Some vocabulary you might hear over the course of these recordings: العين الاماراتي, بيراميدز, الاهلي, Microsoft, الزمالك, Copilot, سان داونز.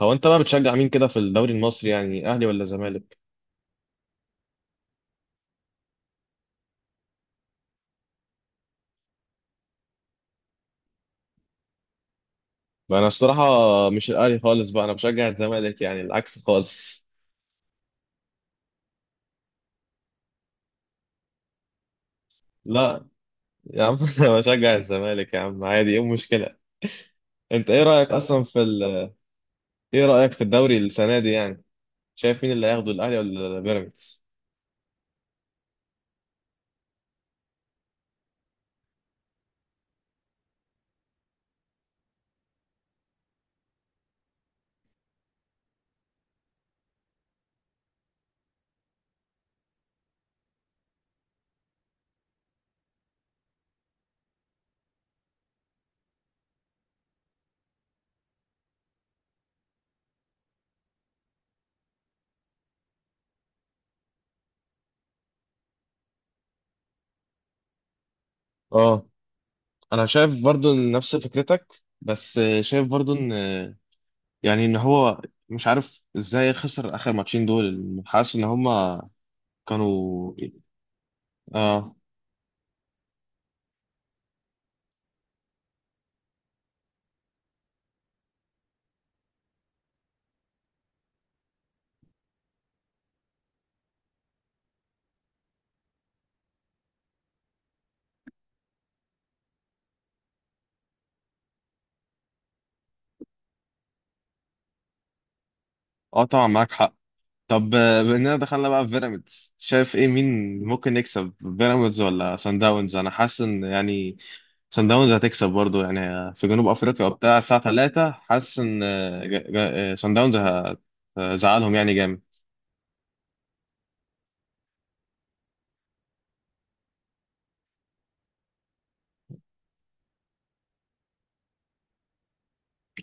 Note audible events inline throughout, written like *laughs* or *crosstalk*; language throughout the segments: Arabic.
هو انت بقى بتشجع مين كده في الدوري المصري يعني اهلي ولا زمالك؟ بقى انا الصراحه مش الاهلي خالص، بقى انا بشجع الزمالك يعني العكس خالص. لا يا عم *laughs* انا بشجع الزمالك يا عم، عادي، ايه المشكله؟ انت ايه رايك اصلا في ال...؟ ايه رايك في الدوري السنه دي يعني؟ شايف مين اللي هياخده، الاهلي ولا بيراميدز؟ اه، انا شايف برضو إن نفس فكرتك، بس شايف برضو ان يعني ان هو مش عارف ازاي خسر اخر ماتشين دول، حاسس ان هما كانوا... اه، اه، طبعا معاك حق. طب بما اننا دخلنا بقى في بيراميدز، شايف ايه، مين ممكن يكسب، بيراميدز ولا سان داونز؟ انا حاسس ان يعني سان داونز هتكسب برضو يعني، في جنوب افريقيا وبتاع الساعه 3، حاسس ان سان داونز هتزعلهم يعني جامد.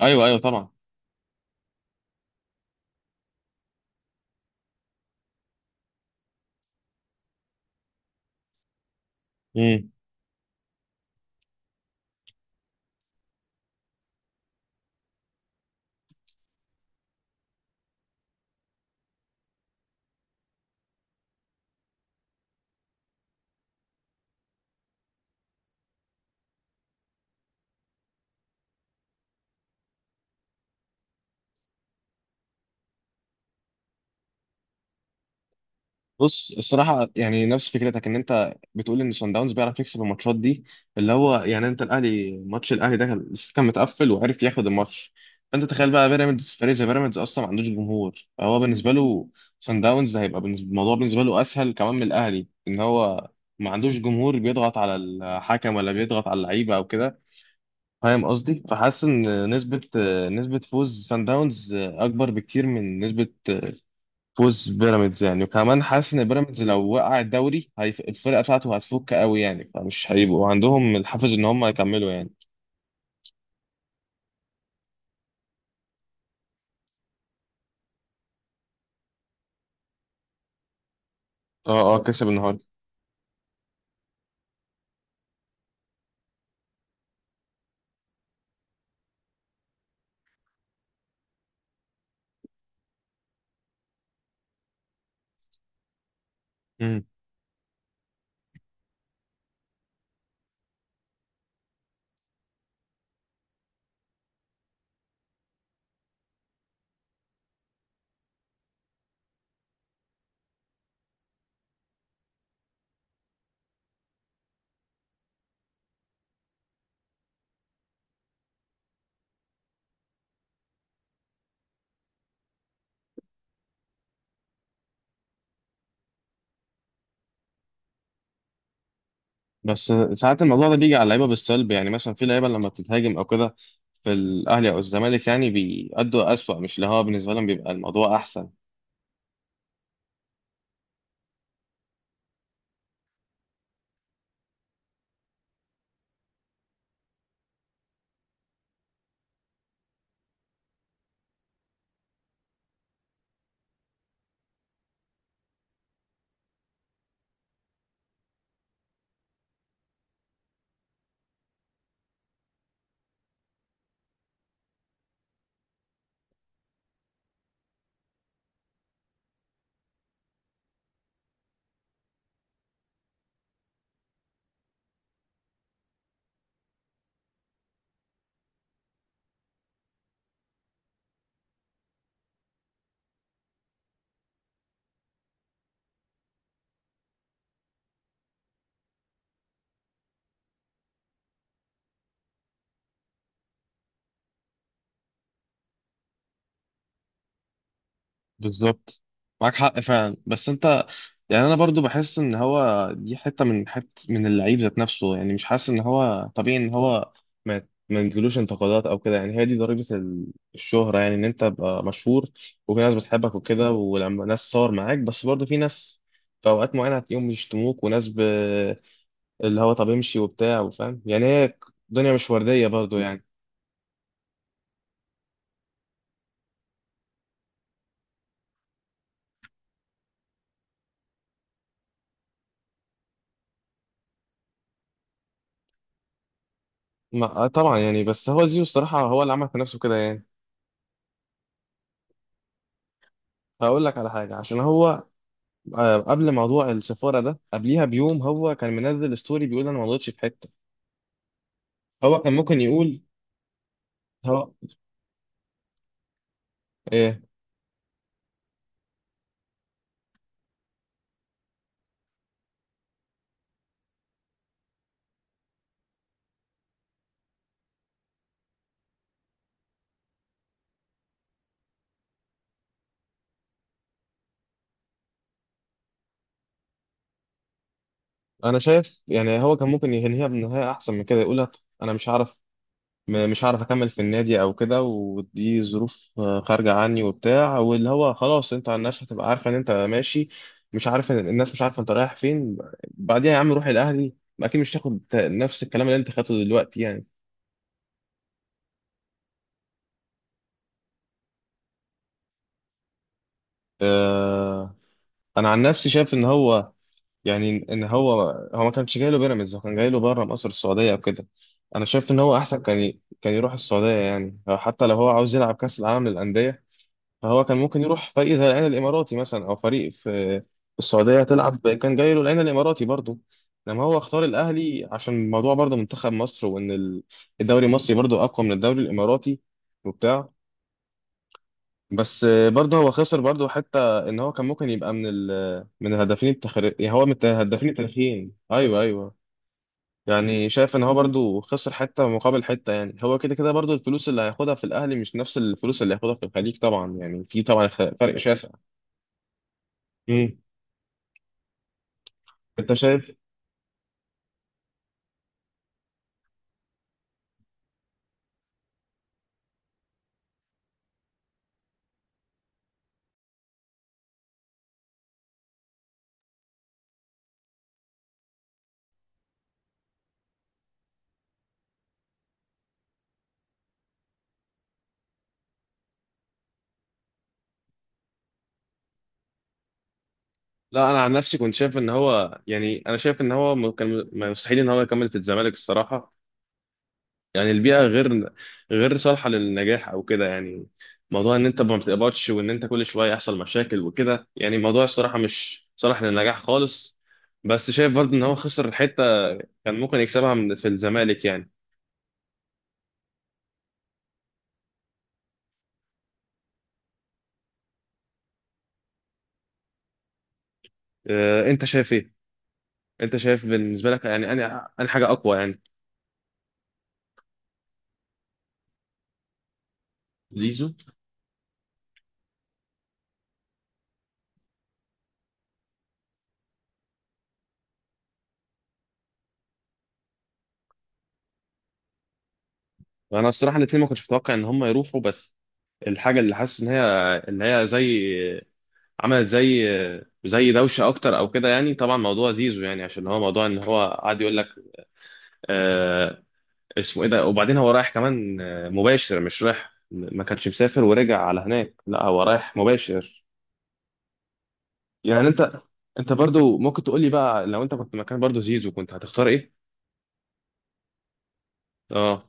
ايوه، ايوه، طبعا. بص الصراحة يعني نفس فكرتك ان انت بتقول ان صن داونز بيعرف يكسب الماتشات دي، اللي هو يعني انت الاهلي، ماتش الاهلي ده كان متقفل وعرف ياخد الماتش. فانت تخيل بقى، بيراميدز فريق زي بيراميدز اصلا ما عندوش جمهور، فهو بالنسبة له صن داونز هيبقى بالنسبة الموضوع بالنسبة له اسهل كمان من الاهلي، ان هو ما عندوش جمهور بيضغط على الحكم ولا بيضغط على اللعيبة او كده. فاهم قصدي؟ فحاسس ان نسبة فوز صن داونز اكبر بكتير من نسبة فوز بيراميدز يعني، وكمان حاسس ان بيراميدز لو وقع الدوري هيف... الفرقه بتاعته هتفك قوي يعني، فمش هيبقوا عندهم الحافز ان هم يكملوا يعني. اه، اه، كسب النهارده. امم. بس ساعات الموضوع ده بيجي على اللعيبه بالسلب يعني، مثلا في لعيبه لما بتتهاجم او كده في الاهلي او الزمالك يعني بيأدوا اسوأ، مش اللي هو بالنسبه لهم بيبقى الموضوع احسن. بالظبط، معاك حق فعلا، بس انت يعني انا برضو بحس ان هو دي حته من اللعيب ذات نفسه يعني، مش حاسس ان هو طبيعي ان هو ما يجيلوش انتقادات او كده يعني، هي دي ضريبه ال- الشهره يعني، ان انت تبقى مشهور وفي ناس بتحبك وكده ولما ناس تصور معاك، بس برضو في ناس في اوقات معينه هتلاقيهم بيشتموك، وناس ب... اللي هو طب امشي وبتاع وفاهم يعني، هي الدنيا مش ورديه برضو يعني. ما... آه طبعا يعني، بس هو زيزو الصراحه هو اللي عمل في نفسه كده يعني. هقول لك على حاجة، عشان هو قبل موضوع السفارة ده قبليها بيوم هو كان منزل ستوري بيقول انا ما غلطتش في حتة. هو كان ممكن يقول هو ايه انا شايف يعني هو كان ممكن ينهيها بنهاية احسن من كده، يقول لها: انا مش هعرف مش هعرف اكمل في النادي او كده، ودي ظروف خارجة عني وبتاع، واللي هو خلاص انت الناس هتبقى عارفة ان انت ماشي، مش عارف إن- الناس مش عارفة انت رايح فين. بعديها يا عم روح الاهلي، اكيد مش تاخد نفس الكلام اللي انت خدته دلوقتي يعني. آه، انا عن نفسي شايف ان هو يعني ان هو، هو ما كانش جاي له بيراميدز، هو كان جاي له بره مصر، السعوديه او كده. انا شايف ان هو احسن كان ي... كان يروح السعوديه يعني، حتى لو هو عاوز يلعب كاس العالم للانديه فهو كان ممكن يروح فريق زي العين الاماراتي مثلا، او فريق في السعوديه تلعب، كان جاي له العين الاماراتي برضه، لما هو اختار الاهلي عشان الموضوع برضه منتخب مصر، وان ال- الدوري المصري برضه اقوى من الدوري الاماراتي وبتاع. بس برضه هو خسر برضه، حتى ان هو كان ممكن يبقى من ال من الهدافين التخر... يعني هو من الهدافين التاريخيين. ايوه، ايوه. يعني شايف ان هو برضه خسر حته مقابل حته يعني، هو كده كده برضه الفلوس اللي هياخدها في الاهلي مش نفس الفلوس اللي هياخدها في الخليج طبعا يعني، في طبعا خ- فرق شاسع. امم. انت شايف؟ لا انا عن نفسي كنت شايف ان هو يعني انا شايف ان هو م- كان، م- مستحيل ان هو يكمل في الزمالك الصراحه، يعني البيئة غير صالحة للنجاح أو كده يعني، موضوع إن أنت ما بتقبضش وإن أنت كل شوية يحصل مشاكل وكده يعني الموضوع الصراحة مش صالح للنجاح خالص. بس شايف برضه إن هو خسر حتة كان ممكن يكسبها من في الزمالك يعني. أه أنت شايف إيه؟ أنت شايف بالنسبة لك يعني، أنا حاجة أقوى يعني، زيزو. وأنا الصراحة الاتنين ما كنتش متوقع إن هم يروحوا، بس الحاجة اللي حاسس إن هي اللي هي زي، عملت زي دوشه اكتر او كده يعني. طبعا موضوع زيزو يعني عشان هو موضوع ان هو قاعد يقول لك آه، اسمه ايه ده، وبعدين هو رايح كمان مباشر، مش رايح ما كانش مسافر ورجع على هناك، لا هو رايح مباشر يعني. انت برضو ممكن تقول لي بقى لو انت كنت مكان برضو زيزو كنت هتختار ايه؟ اه،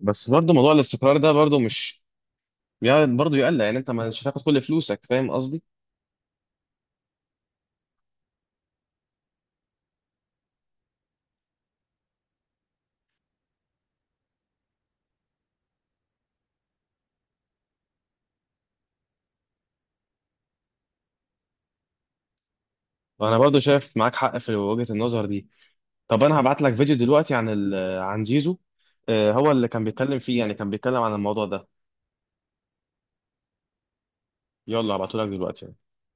بس برضو موضوع الاستقرار ده برضو مش يعني برضو يقلق يعني، انت مش هتاخد كل فلوسك، فاهم قصدي؟ وانا برضو شايف معاك حق في وجهة النظر دي. طب انا هبعت لك فيديو دلوقتي عن ال... عن زيزو، هو اللي كان بيتكلم فيه يعني، كان بيتكلم عن الموضوع ده. يلا هبعته لك دلوقتي.